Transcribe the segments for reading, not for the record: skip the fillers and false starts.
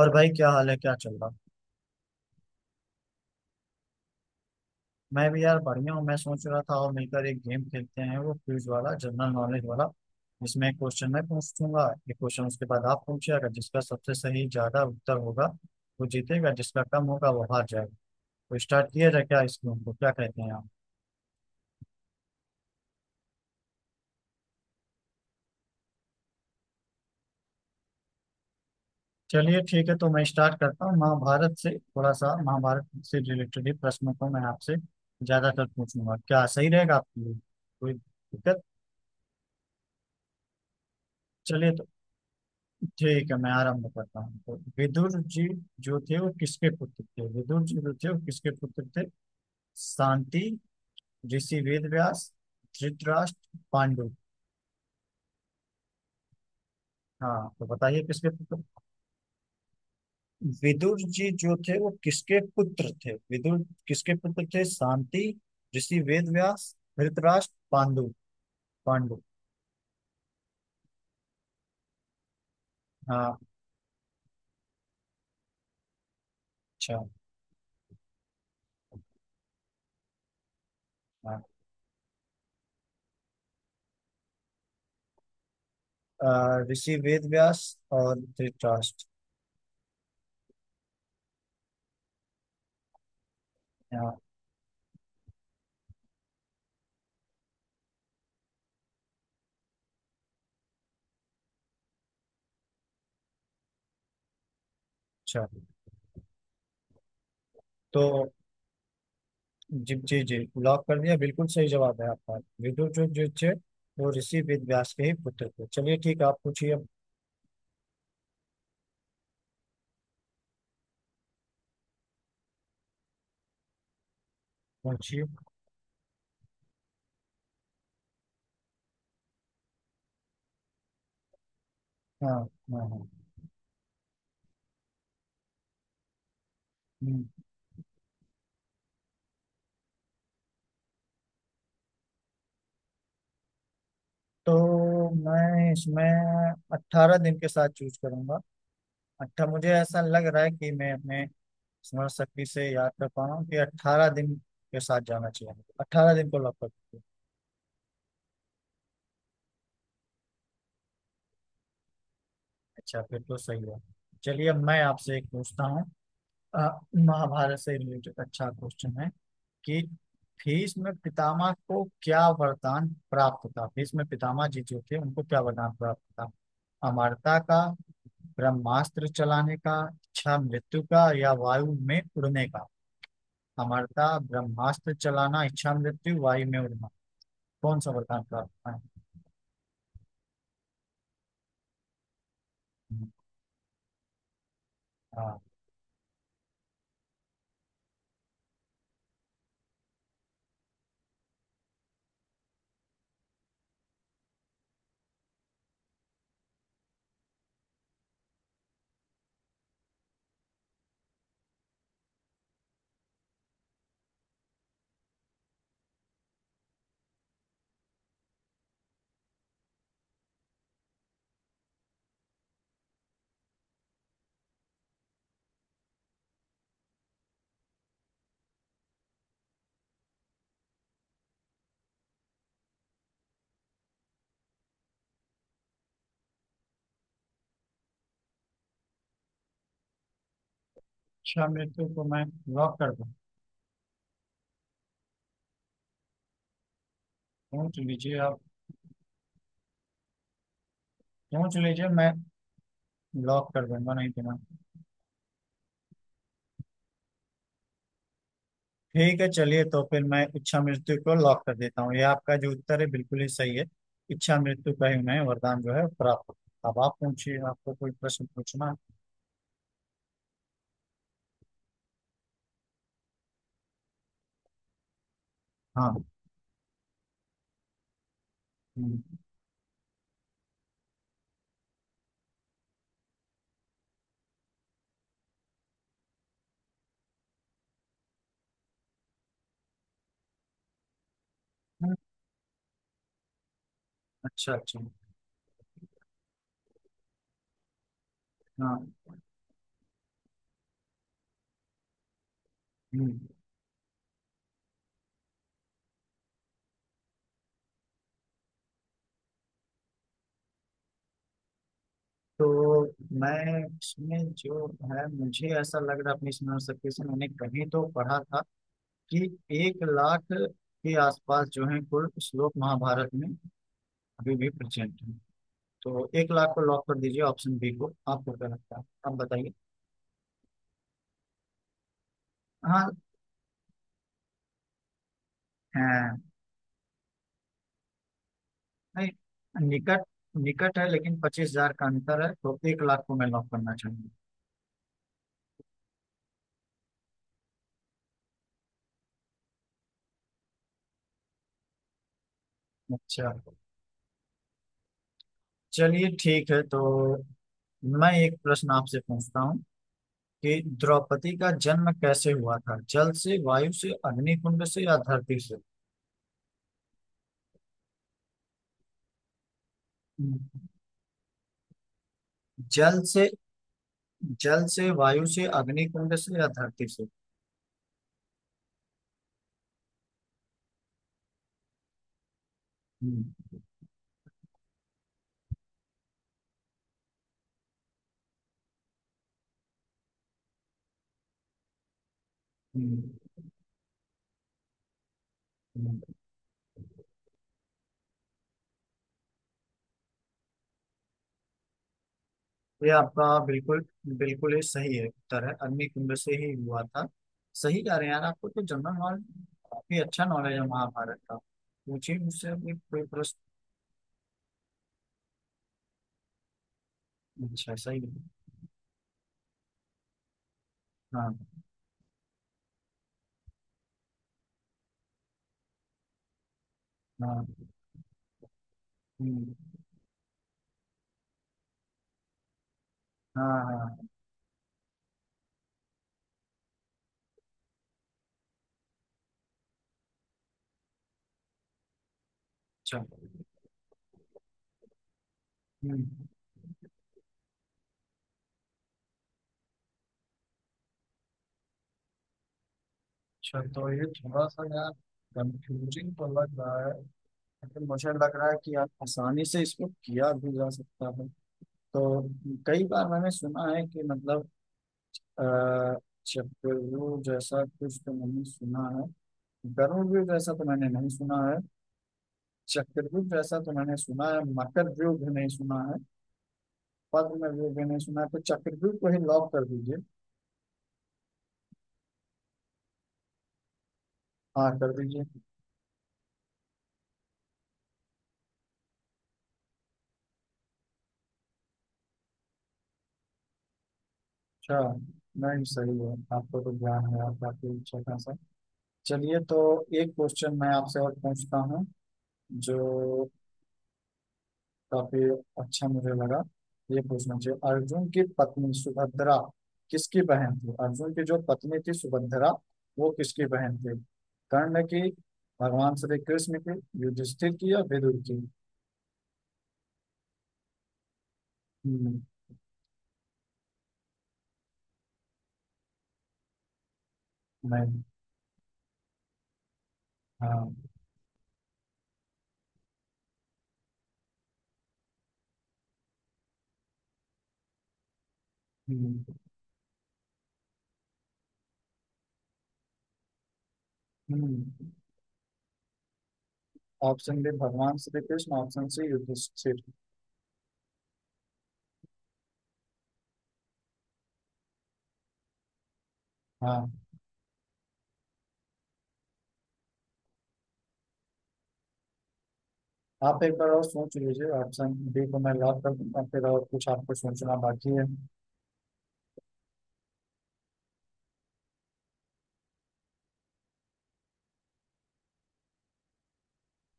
और भाई क्या हाल है, क्या चल रहा। मैं भी यार बढ़िया हूँ। मैं सोच रहा था और मिलकर एक गेम खेलते हैं, वो क्विज वाला, जनरल नॉलेज वाला, जिसमें एक क्वेश्चन मैं पूछूंगा, एक क्वेश्चन उसके बाद आप पूछिए। अगर जिसका सबसे सही ज्यादा उत्तर होगा वो जीतेगा, जिसका कम होगा वो हार जाएगा। तो स्टार्ट किया जाए क्या इस गेम को, क्या कहते हैं आप। चलिए ठीक है, तो मैं स्टार्ट करता हूँ महाभारत से। थोड़ा सा महाभारत से रिलेटेड ही प्रश्नों को मैं आपसे ज्यादातर पूछूंगा, क्या सही रहेगा आपके लिए? कोई दिक्कत? चलिए, तो ठीक है मैं आरंभ करता हूँ। तो विदुर जी जो थे वो किसके पुत्र थे? विदुर जी जो थे वो किसके पुत्र थे? शांति, ऋषि वेदव्यास, धृतराष्ट्र, पांडु। हाँ तो बताइए किसके पुत्र। विदुर जी जो थे वो किसके पुत्र थे? विदुर किसके पुत्र थे? शांति, ऋषि वेदव्यास, धृतराष्ट्र, पांडु। पांडु। हाँ। अच्छा। हाँ। ऋषि वेदव्यास और धृतराष्ट्र। हाँ। अच्छा। तो जी जी जी, लॉक कर दिया। बिल्कुल सही जवाब है आपका। विदुर जो जो थे वो ऋषि वेदव्यास के ही पुत्र थे। चलिए ठीक है, आप पूछिए अब। पूछिए। हाँ। हाँ हाँ। हम्म। तो मैं इसमें अट्ठारह दिन के साथ चूज करूंगा। अट्ठा मुझे ऐसा लग रहा है कि मैं अपने स्मरण शक्ति से याद कर पा रहा हूँ कि अट्ठारह दिन के साथ जाना चाहिए मुझे। अट्ठारह दिन को लॉक कर दीजिए। अच्छा, फिर तो सही है। चलिए अब मैं आपसे एक पूछता हूँ। महाभारत से रिलेटेड अच्छा क्वेश्चन है कि भीष्म में पितामह को क्या वरदान प्राप्त था? भीष्म में पितामह जी जो थे उनको क्या वरदान प्राप्त था? अमरता का, ब्रह्मास्त्र चलाने का, इच्छा मृत्यु का, या वायु में उड़ने का। अमरता, ब्रह्मास्त्र चलाना, इच्छा मृत्यु, वायु में उड़ना। कौन सा वरदान प्राप्त था? हम्म। हाँ। इच्छा मृत्यु को मैं लॉक कर दूं? सोच लीजिए आप। सोच लीजिए, मैं लॉक कर दूंगा, नहीं तो ना। ठीक है, चलिए तो फिर मैं इच्छा मृत्यु को लॉक कर देता हूँ। ये आपका जो उत्तर है बिल्कुल ही सही है। इच्छा मृत्यु का ही उन्हें वरदान जो है प्राप्त होता है। अब आप पूछिए, आपको कोई प्रश्न पूछना है? हाँ। हम्म। हम्म। अच्छा अच्छा। हाँ। हम्म। तो मैं इसमें जो है मुझे ऐसा लग रहा है अपनी स्मरण शक्ति से मैंने कहीं तो पढ़ा था कि एक लाख के आसपास जो है कुल श्लोक महाभारत में अभी भी प्रेजेंट है। तो एक लाख को लॉक कर दीजिए, ऑप्शन बी को। आपको क्या लगता है, आप बताइए। हाँ है। नहीं निकट। निकट है लेकिन पच्चीस हजार का अंतर है, तो एक लाख को मैं लॉक करना चाहूंगा। अच्छा। चलिए ठीक है, तो मैं एक प्रश्न आपसे पूछता हूँ कि द्रौपदी का जन्म कैसे हुआ था? जल से, वायु से, अग्निकुंड से, या धरती से? जल से। जल से, वायु से, अग्निकुंड से, या धरती से। हम्म। हम्म। ये आपका बिल्कुल, बिल्कुल ही सही है उत्तर है। अग्नि कुंड से ही हुआ था। सही कह रहे हैं यार आपको तो जनरल नॉलेज काफी अच्छा नॉलेज है महाभारत का। पूछिए मुझसे अभी कोई प्रश्न। अच्छा, सही है। हाँ। हाँ। हम्म। हाँ हाँ। अच्छा। हम्म। अच्छा, तो ये थोड़ा सा यार कंफ्यूजिंग तो लग रहा है, लेकिन मुझे लग रहा है कि आप आसानी से इसको किया भी जा सकता है। तो कई बार मैंने सुना है कि मतलब, अ, चक्रव्यूह जैसा कुछ तो मैंने सुना है, गरुड़ जैसा तो मैंने नहीं सुना है। चक्रव्यूह जैसा तो मैंने सुना है, मकर व्यूह भी नहीं सुना है, पद्म व्यूह भी नहीं सुना है। तो चक्रव्यूह को ही लॉक कर दीजिए। हाँ, कर दीजिए। अच्छा, नहीं सही है। आपको तो ज्ञान है आपका काफी अच्छा खासा। चलिए तो एक क्वेश्चन मैं आपसे और पूछता हूँ जो काफी अच्छा मुझे लगा, ये पूछना चाहिए। अर्जुन की पत्नी सुभद्रा किसकी बहन थी? अर्जुन की जो पत्नी थी सुभद्रा वो किसकी बहन थी? कर्ण की, भगवान श्री कृष्ण की, युधिष्ठिर की, या विदुर की। हम्म। नहीं। हाँ। हम्म। हम्म। ऑप्शन बी भगवान श्री कृष्ण, ऑप्शन सी युधिष्ठिर। हाँ। आप एक बार और सोच लीजिए, ऑप्शन बी को मैं लॉक कर दूंगा, फिर और कुछ आपको सोचना बाकी है।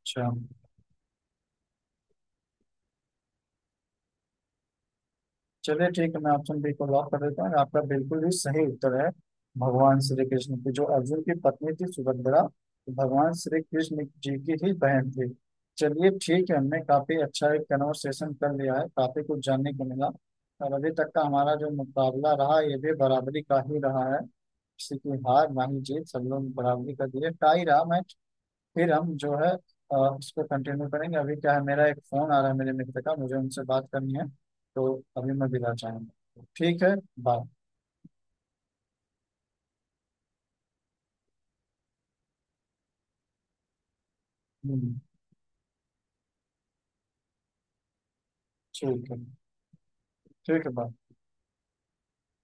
अच्छा। चलिए ठीक है, मैं ऑप्शन बी को लॉक कर देता हूँ। आपका बिल्कुल ही सही उत्तर है। भगवान श्री कृष्ण की, जो अर्जुन की पत्नी थी सुभद्रा, तो भगवान श्री कृष्ण जी की ही बहन थी। चलिए ठीक है, हमने काफी अच्छा एक कन्वर्सेशन कर लिया है, काफी कुछ जानने को मिला। और अभी तक का हमारा जो मुकाबला रहा, ये भी बराबरी का ही रहा है, किसी की हार ना ही जीत, सब लोग बराबरी का दिए, टाई रहा। मैं फिर हम जो है, उसको कंटिन्यू करेंगे। अभी क्या है, मेरा एक फोन आ रहा है मेरे मित्र का, मुझे उनसे बात करनी है। तो अभी मैं विदा चाहूंगा, ठीक है। बाय। हम्म। ठीक है। ठीक है, बाय।